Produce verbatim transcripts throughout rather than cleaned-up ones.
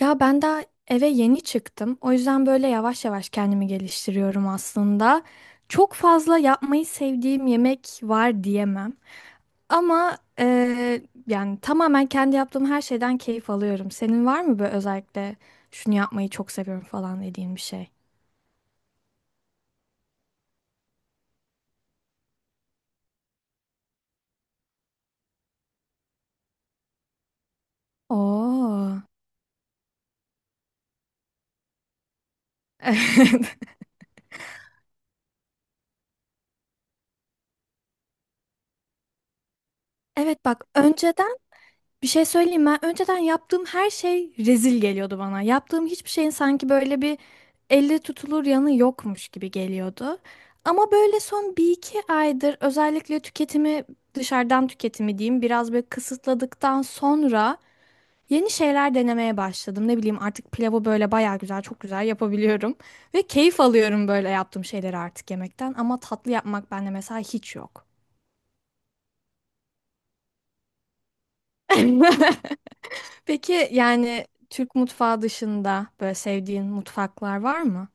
Ya ben daha eve yeni çıktım. O yüzden böyle yavaş yavaş kendimi geliştiriyorum aslında. Çok fazla yapmayı sevdiğim yemek var diyemem. Ama eee, yani tamamen kendi yaptığım her şeyden keyif alıyorum. Senin var mı böyle özellikle şunu yapmayı çok seviyorum falan dediğin bir şey? Oo. Evet, bak önceden bir şey söyleyeyim, ben önceden yaptığım her şey rezil geliyordu bana. Yaptığım hiçbir şeyin sanki böyle bir elle tutulur yanı yokmuş gibi geliyordu. Ama böyle son bir iki aydır özellikle tüketimi, dışarıdan tüketimi diyeyim, biraz böyle kısıtladıktan sonra yeni şeyler denemeye başladım. Ne bileyim, artık pilavı böyle baya güzel, çok güzel yapabiliyorum. Ve keyif alıyorum böyle yaptığım şeyleri artık yemekten, ama tatlı yapmak bende mesela hiç yok. Peki, yani Türk mutfağı dışında böyle sevdiğin mutfaklar var mı?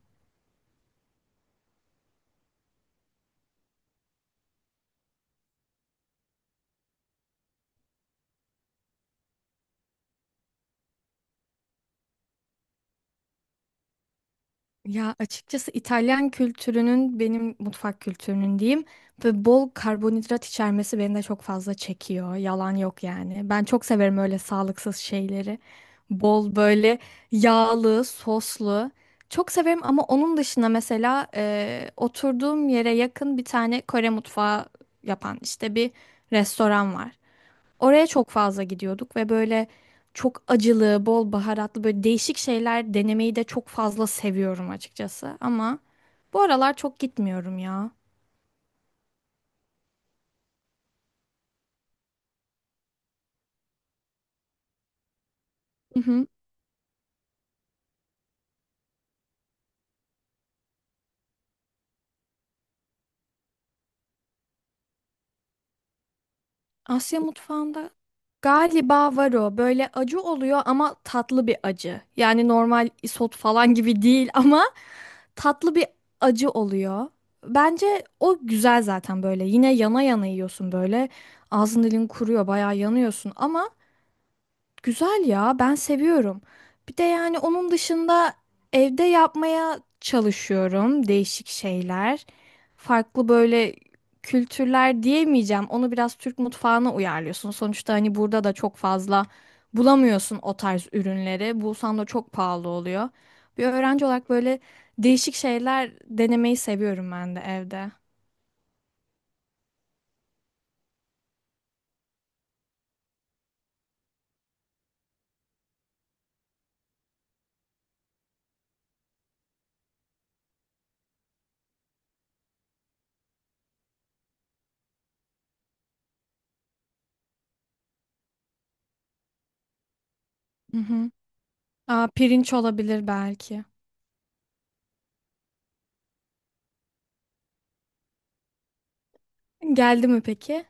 Ya açıkçası İtalyan kültürünün, benim mutfak kültürünün diyeyim, ve bol karbonhidrat içermesi beni de çok fazla çekiyor. Yalan yok yani. Ben çok severim öyle sağlıksız şeyleri. Bol böyle yağlı, soslu. Çok severim, ama onun dışında mesela e, oturduğum yere yakın bir tane Kore mutfağı yapan işte bir restoran var. Oraya çok fazla gidiyorduk ve böyle çok acılı, bol baharatlı böyle değişik şeyler denemeyi de çok fazla seviyorum açıkçası. Ama bu aralar çok gitmiyorum ya. Hı hı. Asya mutfağında galiba var o. Böyle acı oluyor ama tatlı bir acı. Yani normal isot falan gibi değil ama tatlı bir acı oluyor. Bence o güzel zaten böyle. Yine yana yana yiyorsun böyle. Ağzın dilin kuruyor, bayağı yanıyorsun ama güzel ya, ben seviyorum. Bir de yani onun dışında evde yapmaya çalışıyorum değişik şeyler. Farklı böyle kültürler diyemeyeceğim. Onu biraz Türk mutfağına uyarlıyorsun. Sonuçta hani burada da çok fazla bulamıyorsun o tarz ürünleri. Bulsan da çok pahalı oluyor. Bir öğrenci olarak böyle değişik şeyler denemeyi seviyorum ben de evde. Hı hı. Aa, pirinç olabilir belki. Geldi mi peki?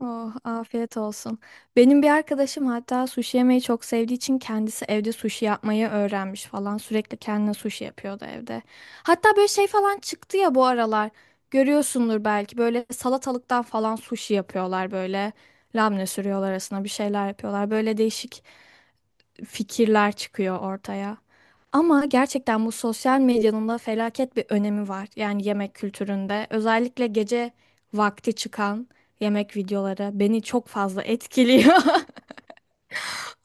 Oh, afiyet olsun. Benim bir arkadaşım hatta sushi yemeyi çok sevdiği için kendisi evde sushi yapmayı öğrenmiş falan. Sürekli kendine sushi yapıyordu evde. Hatta böyle şey falan çıktı ya bu aralar. Görüyorsundur belki, böyle salatalıktan falan sushi yapıyorlar böyle. Labne sürüyorlar arasına, bir şeyler yapıyorlar. Böyle değişik fikirler çıkıyor ortaya. Ama gerçekten bu sosyal medyanın da felaket bir önemi var. Yani yemek kültüründe özellikle gece vakti çıkan yemek videoları beni çok fazla etkiliyor.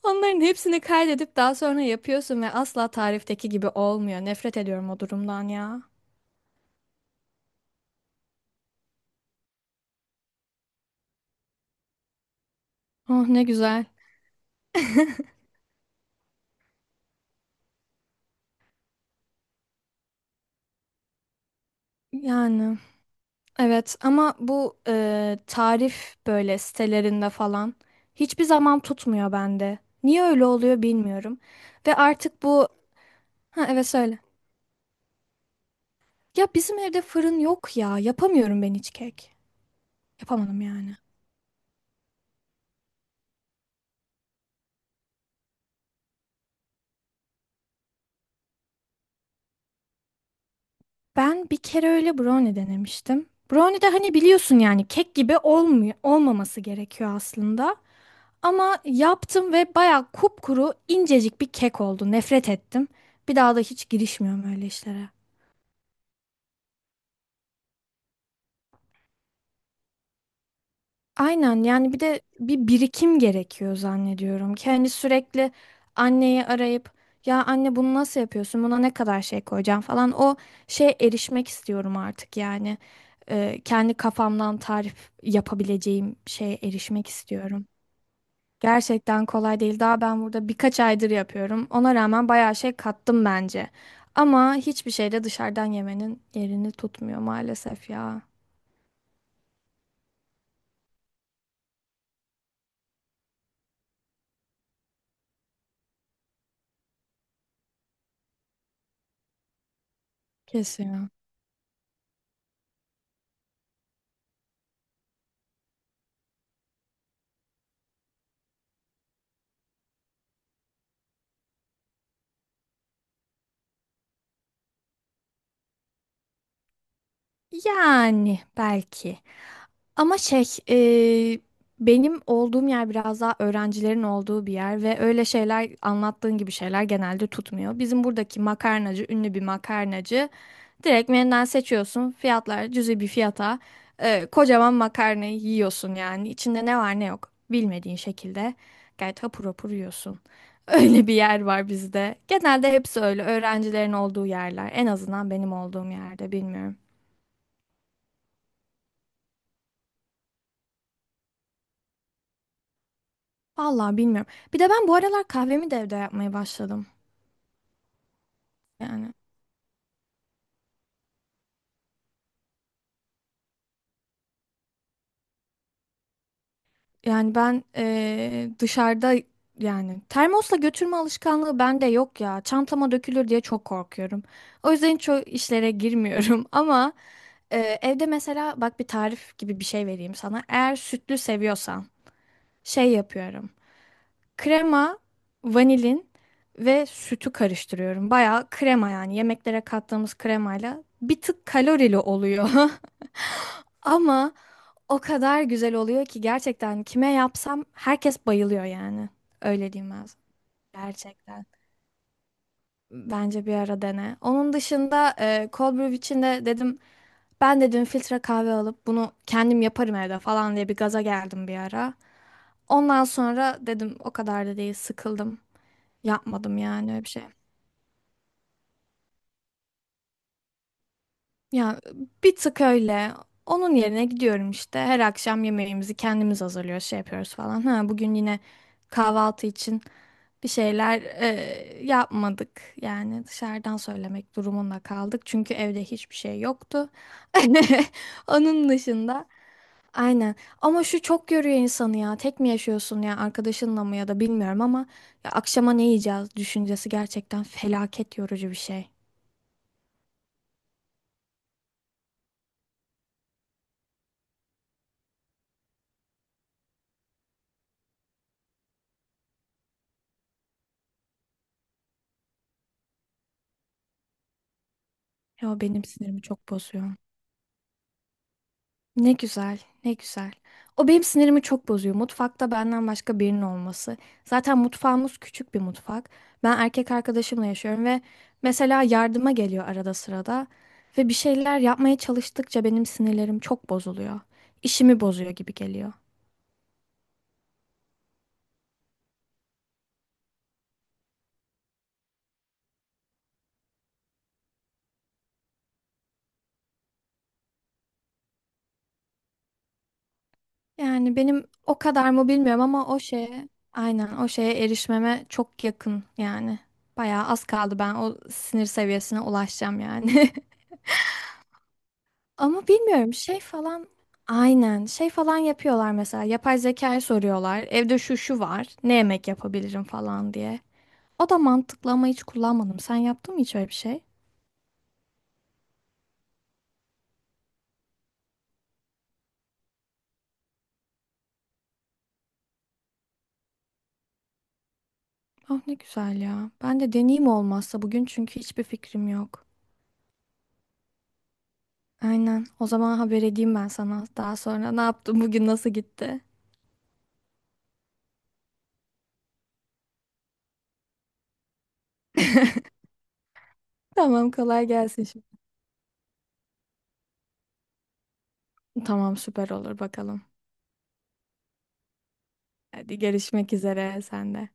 Onların hepsini kaydedip daha sonra yapıyorsun ve asla tarifteki gibi olmuyor. Nefret ediyorum o durumdan ya. Oh, ne güzel. Yani. Evet, ama bu e, tarif böyle sitelerinde falan hiçbir zaman tutmuyor bende. Niye öyle oluyor bilmiyorum. Ve artık bu... Ha evet, söyle. Ya bizim evde fırın yok ya. Yapamıyorum ben hiç kek. Yapamadım yani. Ben bir kere öyle brownie denemiştim. Brownie de hani biliyorsun, yani kek gibi olmuyor, olmaması gerekiyor aslında. Ama yaptım ve bayağı kupkuru, incecik bir kek oldu. Nefret ettim. Bir daha da hiç girişmiyorum öyle işlere. Aynen, yani bir de bir birikim gerekiyor zannediyorum ki hani sürekli anneyi arayıp, ya anne bunu nasıl yapıyorsun, buna ne kadar şey koyacağım falan, o şeye erişmek istiyorum artık yani. Ee, kendi kafamdan tarif yapabileceğim şeye erişmek istiyorum. Gerçekten kolay değil, daha ben burada birkaç aydır yapıyorum, ona rağmen bayağı şey kattım bence, ama hiçbir şey de dışarıdan yemenin yerini tutmuyor maalesef ya. Kesin. Yani belki. Ama şey, e, benim olduğum yer biraz daha öğrencilerin olduğu bir yer ve öyle şeyler, anlattığın gibi şeyler genelde tutmuyor. Bizim buradaki makarnacı, ünlü bir makarnacı. Direkt menüden seçiyorsun. Fiyatlar cüzi bir fiyata. E, kocaman makarnayı yiyorsun yani. İçinde ne var ne yok bilmediğin şekilde gayet hapur hapur yiyorsun. Öyle bir yer var bizde. Genelde hepsi öyle öğrencilerin olduğu yerler. En azından benim olduğum yerde, bilmiyorum. Vallahi bilmiyorum. Bir de ben bu aralar kahvemi de evde yapmaya başladım. Yani yani ben eee, dışarıda, yani termosla götürme alışkanlığı bende yok ya. Çantama dökülür diye çok korkuyorum. O yüzden çok işlere girmiyorum ama eee, evde mesela bak, bir tarif gibi bir şey vereyim sana. Eğer sütlü seviyorsan şey yapıyorum. Krema, vanilin ve sütü karıştırıyorum. Bayağı krema, yani yemeklere kattığımız kremayla, bir tık kalorili oluyor. Ama o kadar güzel oluyor ki, gerçekten kime yapsam herkes bayılıyor yani. Öyle diyeyim ben sana. Gerçekten. Bence bir ara dene. Onun dışında e, cold brew için de dedim, ben dedim filtre kahve alıp bunu kendim yaparım evde falan diye bir gaza geldim bir ara. Ondan sonra dedim o kadar da değil, sıkıldım. Yapmadım yani öyle bir şey. Ya bir tık öyle. Onun yerine gidiyorum işte. Her akşam yemeğimizi kendimiz hazırlıyoruz, şey yapıyoruz falan. Ha, bugün yine kahvaltı için bir şeyler e, yapmadık. Yani dışarıdan söylemek durumunda kaldık. Çünkü evde hiçbir şey yoktu. Onun dışında aynen. Ama şu çok yoruyor insanı ya. Tek mi yaşıyorsun ya arkadaşınla mı, ya da bilmiyorum, ama ya akşama ne yiyeceğiz düşüncesi gerçekten felaket yorucu bir şey. Ya benim sinirimi çok bozuyor. Ne güzel, ne güzel. O benim sinirimi çok bozuyor. Mutfakta benden başka birinin olması. Zaten mutfağımız küçük bir mutfak. Ben erkek arkadaşımla yaşıyorum ve mesela yardıma geliyor arada sırada. Ve bir şeyler yapmaya çalıştıkça benim sinirlerim çok bozuluyor. İşimi bozuyor gibi geliyor. Yani benim o kadar mı bilmiyorum, ama o şeye, aynen o şeye erişmeme çok yakın yani. Bayağı az kaldı, ben o sinir seviyesine ulaşacağım yani. Ama bilmiyorum, şey falan, aynen şey falan yapıyorlar mesela, yapay zekayı soruyorlar. Evde şu şu var, ne yemek yapabilirim falan diye. O da mantıklı, ama hiç kullanmadım. Sen yaptın mı hiç öyle bir şey? Ah, ne güzel ya. Ben de deneyeyim olmazsa bugün, çünkü hiçbir fikrim yok. Aynen. O zaman haber edeyim ben sana. Daha sonra ne yaptım bugün, nasıl gitti? Tamam, kolay gelsin şimdi. Tamam, süper olur bakalım. Hadi görüşmek üzere sen de.